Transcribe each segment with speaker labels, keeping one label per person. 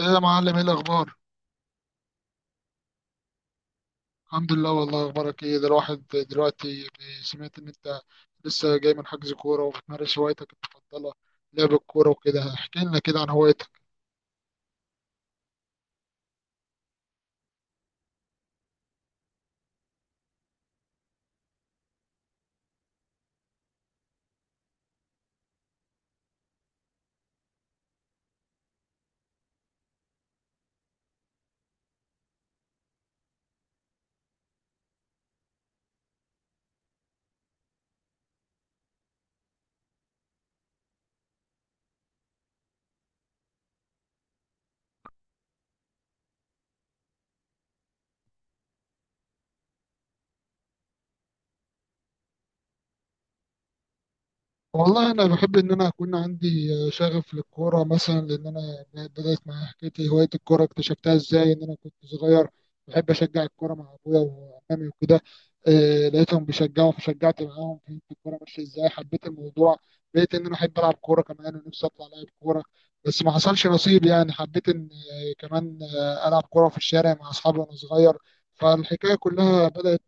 Speaker 1: ايه يا معلم، ايه الاخبار؟ الحمد لله والله. اخبارك ايه ده الواحد دلوقتي؟ سمعت ان انت لسه جاي من حجز كوره وبتمارس هوايتك المفضله لعب الكوره وكده. احكي لنا كده عن هوايتك. والله انا بحب ان انا اكون عندي شغف للكوره مثلا، لان انا بدات مع حكايتي، هوايه الكوره اكتشفتها ازاي؟ ان انا كنت صغير بحب اشجع الكوره مع ابويا وعمامي وكده. لقيتهم بيشجعوا فشجعت معاهم، فهمت الكوره ماشيه ازاي، حبيت الموضوع، بقيت ان انا احب العب كوره كمان، ونفسي اطلع لاعب كوره بس ما حصلش نصيب. يعني حبيت ان آه، كمان آه، العب كوره في الشارع مع اصحابي وانا صغير. فالحكايه كلها بدات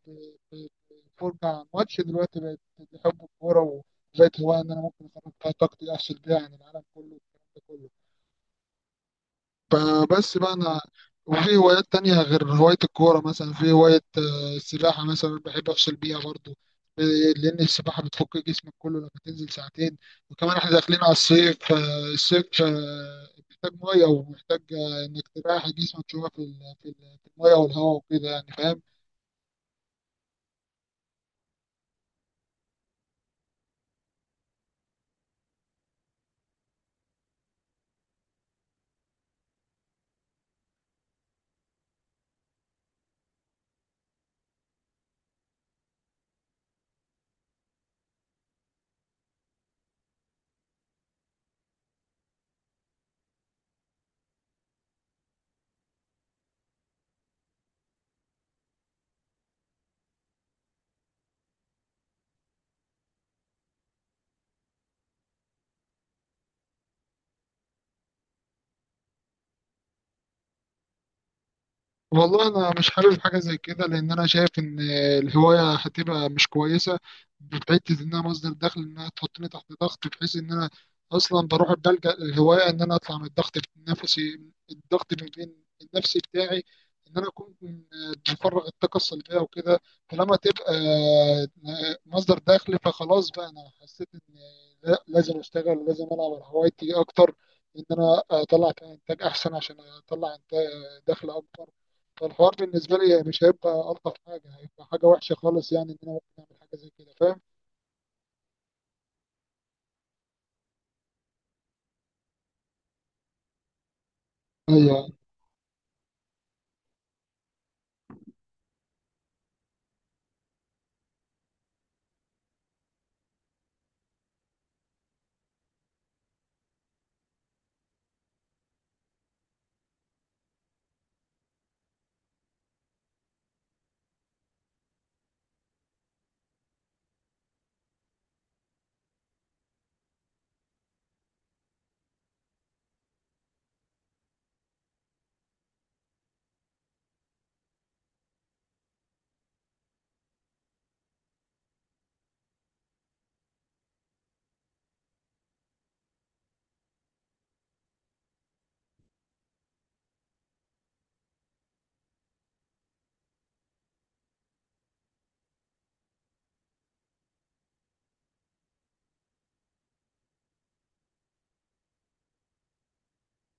Speaker 1: بالفرجه على الماتش، دلوقتي بقت بحب الكوره. لقيت هواية إن أنا ممكن أخرج فيها طاقتي، أفصل بيها عن العالم كله والكلام ده كله. فبس بقى أنا، وفي هوايات تانية غير هواية الكورة. مثلا في هواية السباحة، مثلا بحب أفصل بيها برضو. آه، لأن السباحة بتفك جسمك كله لما تنزل ساعتين. وكمان إحنا داخلين على الصيف، فالصيف محتاج مية ومحتاج إنك تريح جسمك شوية في المية والهواء وكده. يعني فاهم؟ والله انا مش حابب حاجه زي كده، لان انا شايف ان الهوايه هتبقى مش كويسه بحيث انها مصدر دخل. انها تحطني تحت ضغط بحيث ان انا اصلا بروح بلجأ للهوايه ان انا اطلع من الضغط النفسي، الضغط النفسي بتاعي، ان انا اكون بفرغ الطاقه السلبيه وكده. فلما تبقى مصدر دخل فخلاص بقى، انا حسيت ان لا، لازم اشتغل، لازم العب على هوايتي اكتر، ان انا اطلع فيها انتاج احسن عشان اطلع انتاج دخل اكبر. فالحوار بالنسبة لي مش هيبقى ألطف حاجة، هيبقى حاجة وحشة خالص. يعني إن أنا ممكن أعمل حاجة زي كده، فاهم؟ هي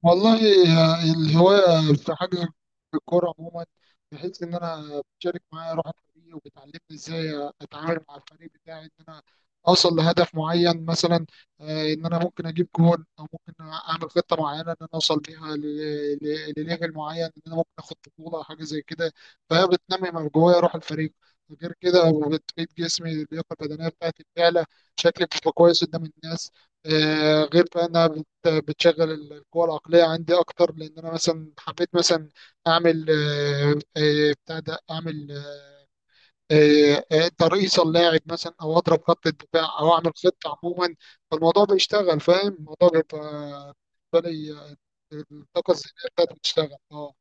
Speaker 1: والله، الهواية في حجز الكورة عموما، بحيث إن أنا بشارك معايا روح الفريق، وبتعلمني إزاي أتعامل مع الفريق بتاعي، إن أنا أوصل لهدف معين مثلا. إن أنا ممكن أجيب جول، أو ممكن أعمل خطة معينة إن أنا أوصل بيها لليفل معين، إن أنا ممكن آخد بطولة أو حاجة زي كده. فهي بتنمي من جوايا روح الفريق. غير كده، وبتفيد جسمي، اللياقة البدنية بتاعتي بتعلى، شكلي بيبقى كويس قدام الناس. غير بقى بتشغل القوى العقلية عندي أكتر، لأن أنا مثلا حبيت مثلا أعمل آه، آه، بتاع ده أعمل ترقيصة اللاعب مثلا، أو أضرب خط الدفاع، أو أعمل خطة عموما. فالموضوع بيشتغل، فاهم؟ الموضوع بيبقى بالنسبة لي الطاقة الذهنية بتاعتي بتشتغل، أه.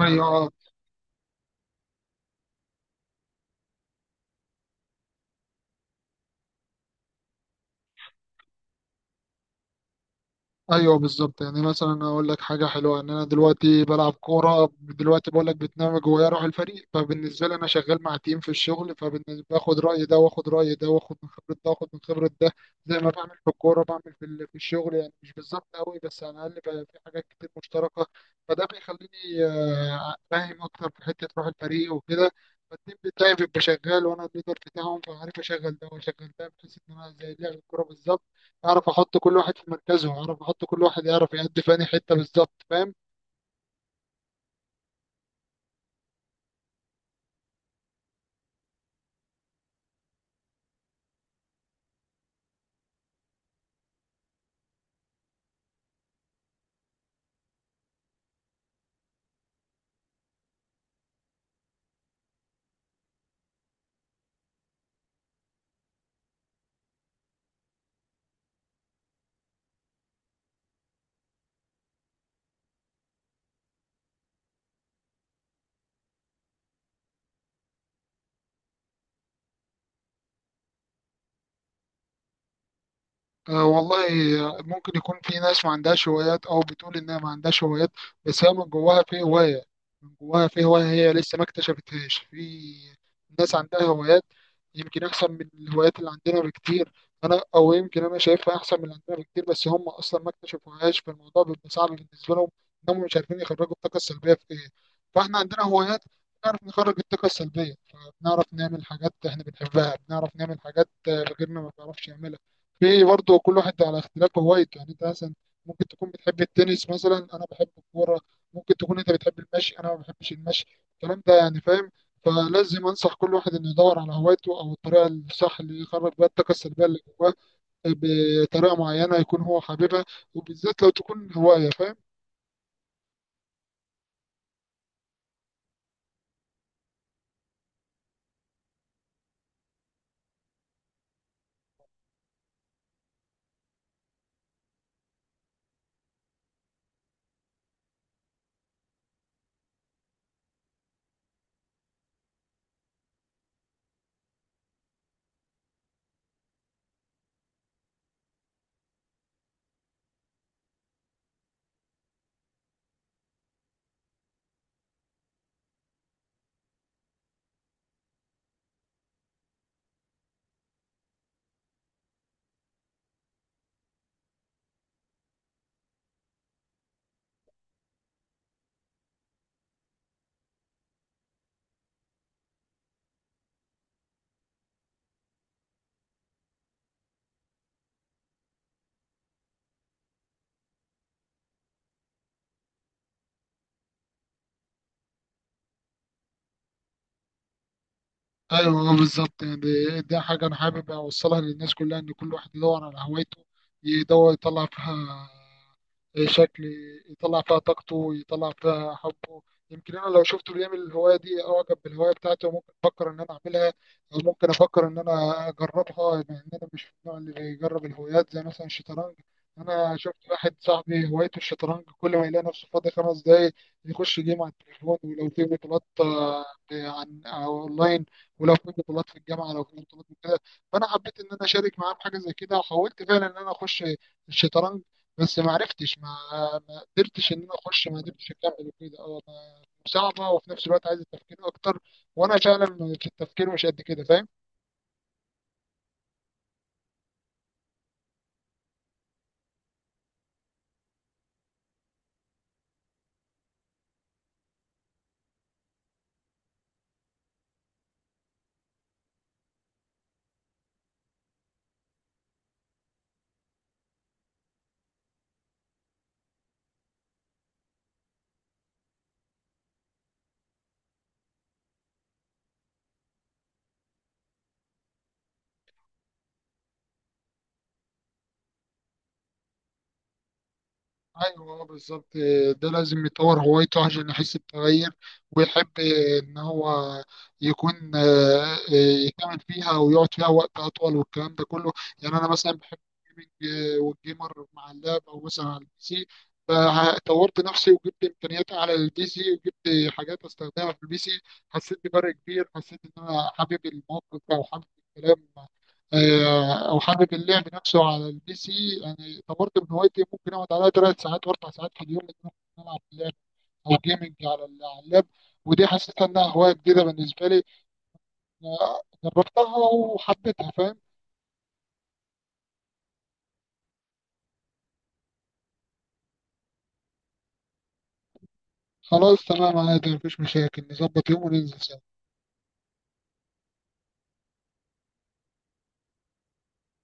Speaker 1: أيوه، ايوه بالظبط. يعني مثلا اقول لك حاجه حلوه، ان انا دلوقتي بلعب كوره، دلوقتي بقول لك بتنام جوايا روح الفريق. فبالنسبه لي انا شغال مع تيم في الشغل، فبالنسبه باخد راي ده واخد راي ده، واخد من خبره ده واخد من خبره ده، زي ما بعمل في الكوره بعمل في الشغل. يعني مش بالظبط قوي، بس على الاقل بقى في حاجات كتير مشتركه. فده بيخليني فاهم اكتر في حته روح الفريق وكده. فالتيم بتاعي بيبقى شغال وانا الليدر بتاعهم، فعارف اشغل ده واشغل ده، بحيث ان انا زي لعب الكوره بالظبط، اعرف احط كل واحد في مركزه، اعرف احط كل واحد يعرف يأدي في أنهي حتة بالظبط، فاهم؟ أه والله، ممكن يكون في ناس ما عندهاش هوايات، أو بتقول إنها ما عندهاش هوايات، بس هي من جواها في هواية، من جواها في هواية هي لسه ما اكتشفتهاش. في ناس عندها هوايات يمكن أحسن من الهوايات اللي عندنا بكتير. أنا أو يمكن أنا شايفها أحسن من اللي عندنا بكتير، بس هم أصلا ما اكتشفوهاش، فالموضوع بيبقى صعب بالنسبة لهم، إنهم مش عارفين يخرجوا الطاقة السلبية في إيه. فإحنا عندنا هوايات بنعرف نخرج الطاقة السلبية، فبنعرف نعمل حاجات إحنا بنحبها، بنعرف نعمل حاجات غيرنا ما بيعرفش يعملها. في برضه كل واحد على اختلاف هوايته، يعني انت مثلا ممكن تكون بتحب التنس مثلا، انا بحب الكوره، ممكن تكون انت بتحب المشي، انا ما بحبش المشي، الكلام ده يعني، فاهم؟ فلازم انصح كل واحد انه يدور على هوايته، او الطريقه الصح اللي يخرج بيها الطاقه السلبيه اللي جواه بطريقه معينه يكون هو حاببها، وبالذات لو تكون هوايه، فاهم؟ ايوه بالظبط. يعني دي حاجه انا حابب اوصلها للناس كلها، ان كل واحد يدور على هوايته، يدور يطلع فيها شكل يطلع فيها طاقته ويطلع فيها حبه. يمكن انا لو شفته بيعمل الهوايه دي، اعجب بالهوايه بتاعته وممكن افكر ان انا اعملها، او ممكن افكر ان انا اجربها، مع ان انا مش من النوع اللي بيجرب الهوايات، زي مثلا الشطرنج. انا شفت واحد صاحبي هوايته الشطرنج، كل ما يلاقي نفسه فاضي 5 دقايق يخش جيم على التليفون. ولو في بطولات عن أو اونلاين، ولو في بطولات في الجامعه، لو في بطولات وكده. فانا حبيت ان انا اشارك معاه في حاجه زي كده، وحاولت فعلا ان انا اخش الشطرنج، بس ما عرفتش، ما قدرتش، ان انا اخش ما قدرتش اكمل وكده. صعبه، وفي نفس الوقت عايزه تفكير اكتر، وانا فعلا في التفكير مش قد كده، فاهم؟ ايوه بالظبط. ده لازم يطور هوايته عشان يحس بتغير، ويحب ان هو يكون يكمل فيها ويقعد فيها وقت اطول والكلام ده كله. يعني انا مثلا بحب الجيمنج والجيمر مع اللاب، او مثلا على البي سي. فطورت نفسي وجبت امكانياتي على البي سي، وجبت حاجات استخدمها في البي سي، حسيت بفرق كبير، حسيت ان انا حابب الموقف، او حابب الكلام او حابب اللعب نفسه على البي سي. يعني طورت من هوايتي، ممكن اقعد عليها 3 ساعات واربع ساعات في اليوم، لان أنا ممكن العب او جيمنج على اللاب. ودي حسيت انها هوايه جديده بالنسبه لي، أنا جربتها وحبيتها، فاهم؟ خلاص، تمام، عادي، مفيش مشاكل، نظبط يوم وننزل.